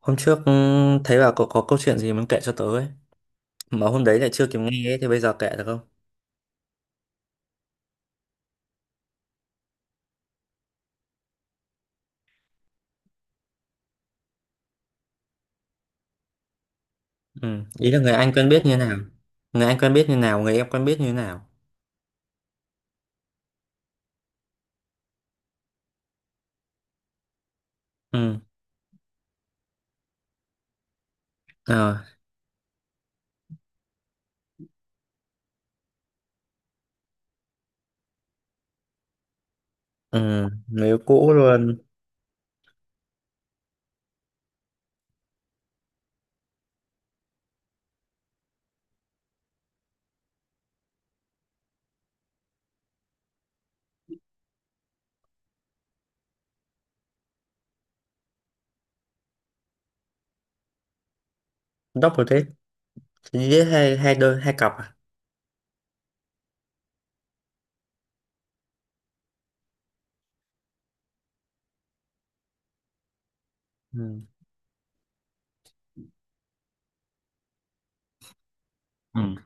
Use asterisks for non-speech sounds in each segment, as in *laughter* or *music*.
Hôm trước thấy bà có câu chuyện gì muốn kể cho tớ ấy. Mà hôm đấy lại chưa kịp nghe ấy, thì bây giờ kể được không? Ừ. Ý là người anh quen biết như nào? Người anh quen biết như nào? Người em quen biết như nào? Ừ. Ờ. Ừ. Người yêu cũ luôn. Double date. Chỉ date hai, hai đôi, hai cặp à? Ừ. Ừ.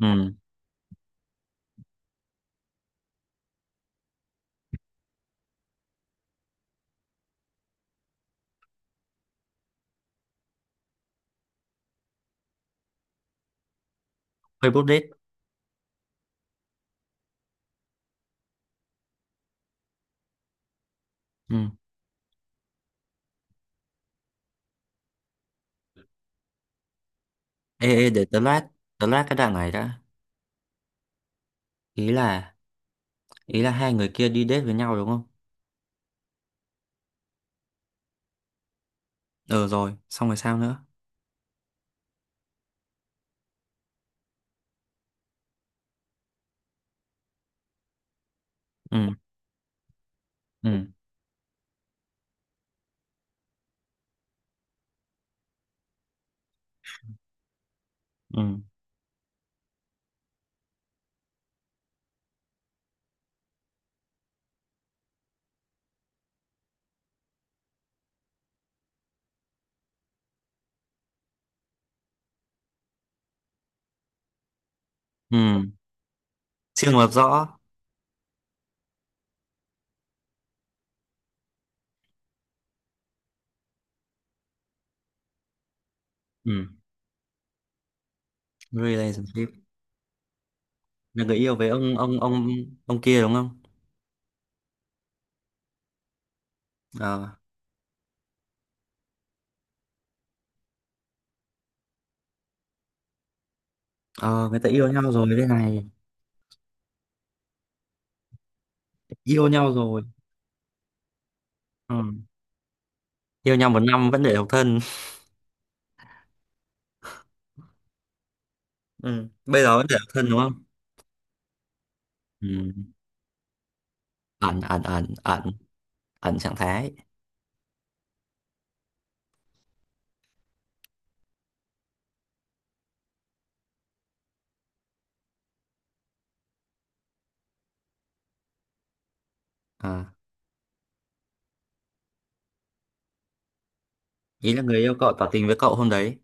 Ừ. Facebook date. Ừ. Ê ê, để tớ lát cái đoạn này đã. Ý là ý là hai người kia đi date với nhau đúng không? Ừ, rồi xong rồi sao nữa? Ừ. Ừ. Ừ. Ừ. Chưa mập rõ. Ừ. Relationship. Là người yêu với ông kia đúng không? Ờ. Ờ, người ta yêu nhau rồi đây này. Yêu nhau rồi. Ừ. Yêu nhau một năm vẫn để độc thân. Ừ. Bây giờ vẫn để độc thân đúng không? Ừ. Ẩn ẩn ẩn ẩn. Ẩn trạng thái. À. Ý là người yêu cậu tỏ tình với cậu hôm đấy.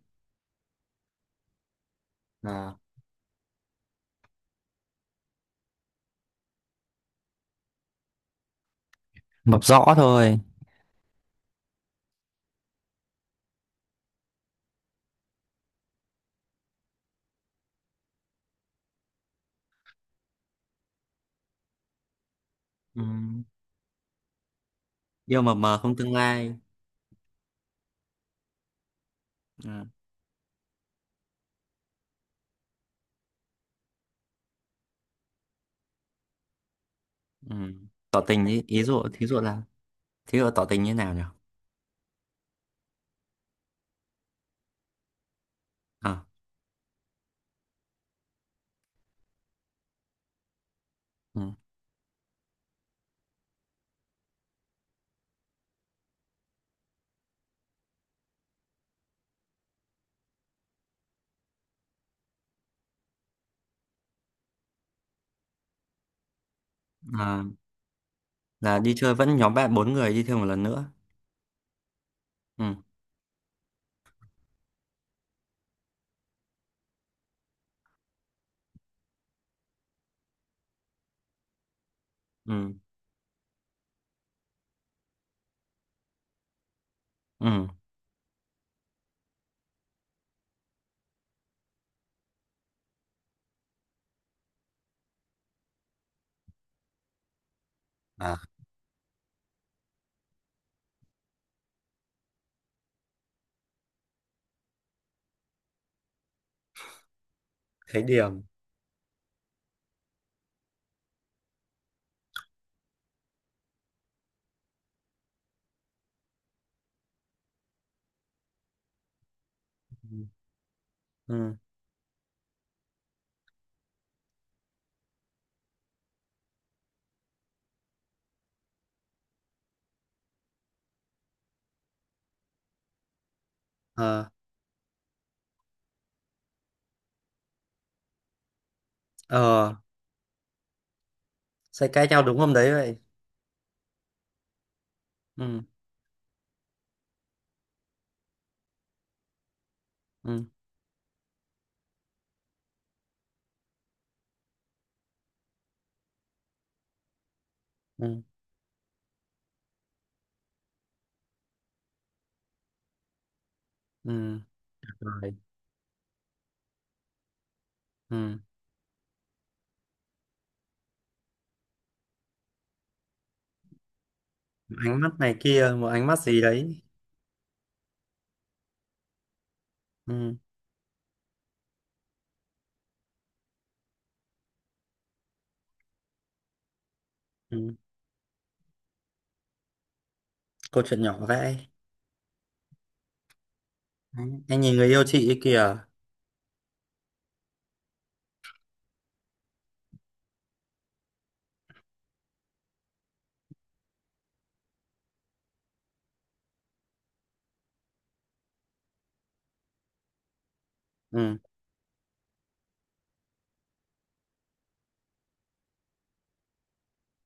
À. Mập rõ thôi. Ừ. Yêu mập mờ không tương lai. Ừ. Ừ. Tỏ tình ý, ý dụ thí dụ là, thí dụ tỏ tình như nào nhỉ? À. Ừ. À, là đi chơi vẫn nhóm bạn bốn người đi thêm một lần nữa. Ừ. Ừ. Ừ. À. Thấy điểm. Ừ. Ừ. Ờ. Ờ, sẽ cãi nhau đúng hôm đấy vậy. Ừ. Ừ. Ừ. Ừ. Rồi. Ừ. Ánh mắt này kia, một ánh mắt gì đấy. Ừ. Ừ. Câu chuyện nhỏ vậy. Đấy, anh nhìn người yêu chị ấy kìa. Ừ.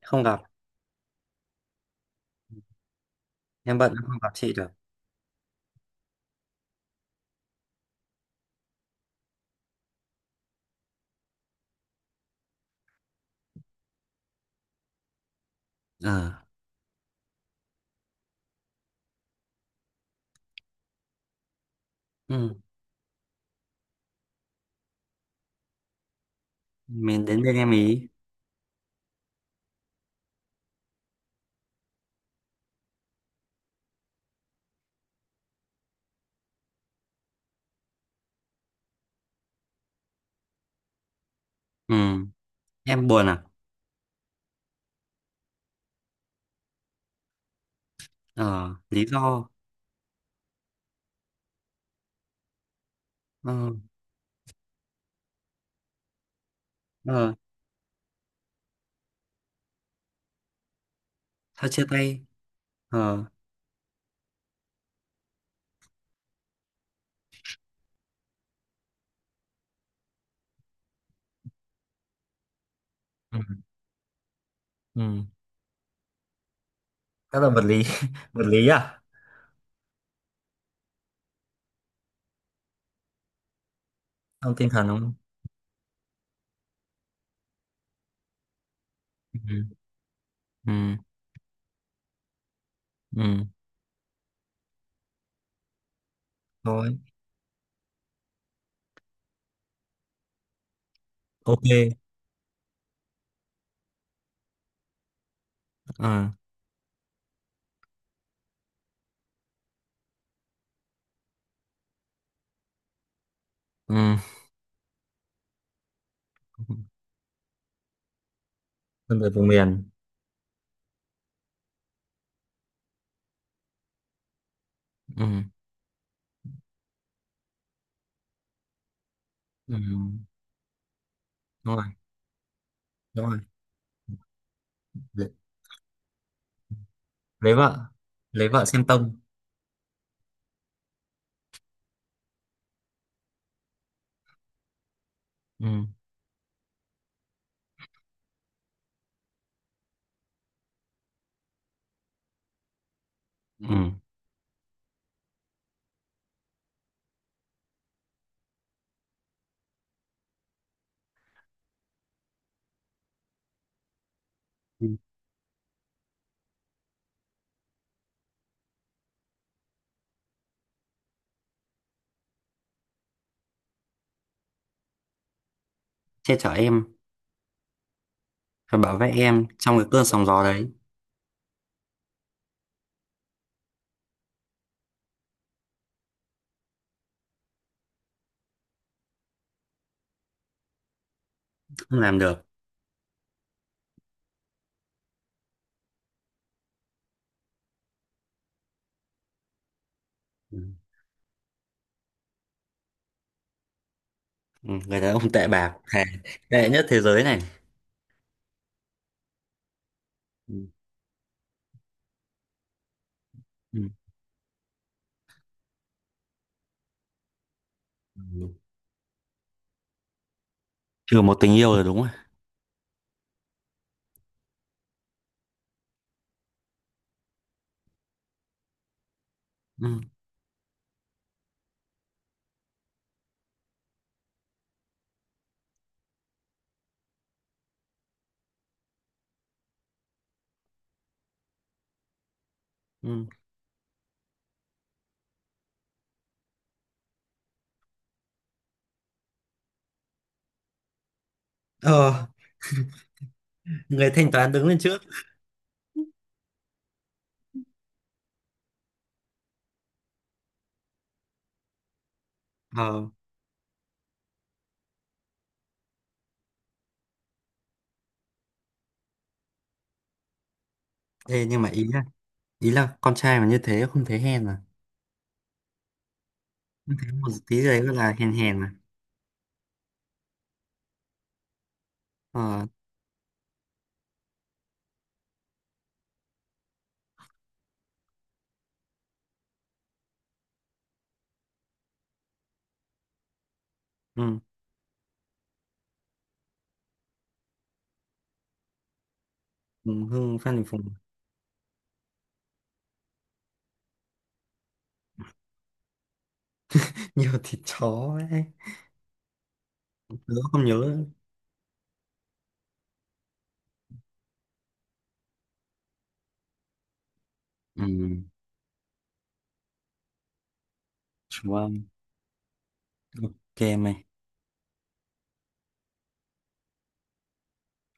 Không gặp. Em bận không gặp chị được. Ờ. Ừ. Mình đến bên em ý. Ừ. Em buồn à? Ờ Lý do. Ờ. Ờ, sao chia tay? Ờ. Ừ. Ừ. Rất là vật lý *laughs* vật lý à? Không, tinh thần đúng không? Ừ. Ừ. Ừ. Thôi. OK. Ờ. Ừ. Con người vùng miền. Ừ. Ừ. Đúng rồi. Đúng rồi. Lấy lấy vợ lấy vợ xem tông. Ừ. Ừ. Ừ. Che chở em. Và bảo vệ em trong cái cơn sóng gió đấy. Không làm được. Ừ. Ừ. Người đàn ông tệ bạc thề. Tệ nhất thế giới này. Ừ. Ừ. Ừ. Trừ một tình yêu rồi, đúng rồi. Ừ. Ừ. ờ Người thanh toán đứng lên trước. ờ Thế nhưng mà ý là, ý là con trai mà như thế không thấy hèn à? Một tí đấy gọi là hèn, hèn à? Ờ. Ừ. Phùng Hưng, Phan Đình Phùng. *laughs* Nhiều thịt chó ấy. Tớ không nhớ. Ừ. Vâng. OK mày.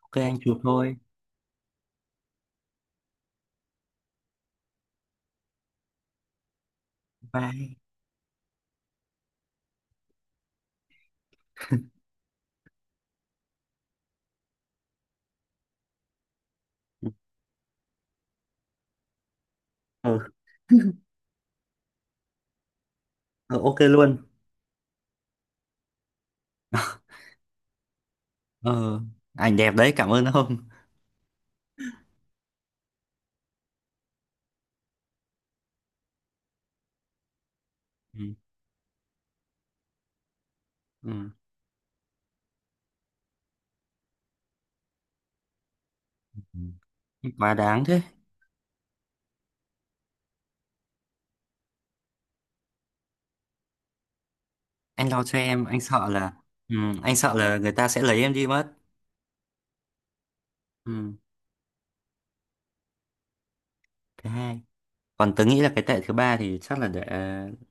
OK anh chụp thôi. Bye. Ừ. *laughs* Ờ, OK luôn. *laughs* ờ Ảnh đẹp đấy, cảm ơn ông. Ừ. Ừ. Ừ. Quá đáng thế. Anh lo cho em, anh sợ là. Ừ. Anh sợ là người ta sẽ lấy em đi mất. Ừ. Thứ hai. Còn tớ nghĩ là cái tệ thứ ba thì chắc là để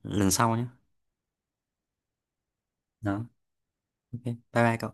lần sau nhé. Đó. OK bye. Bye cậu.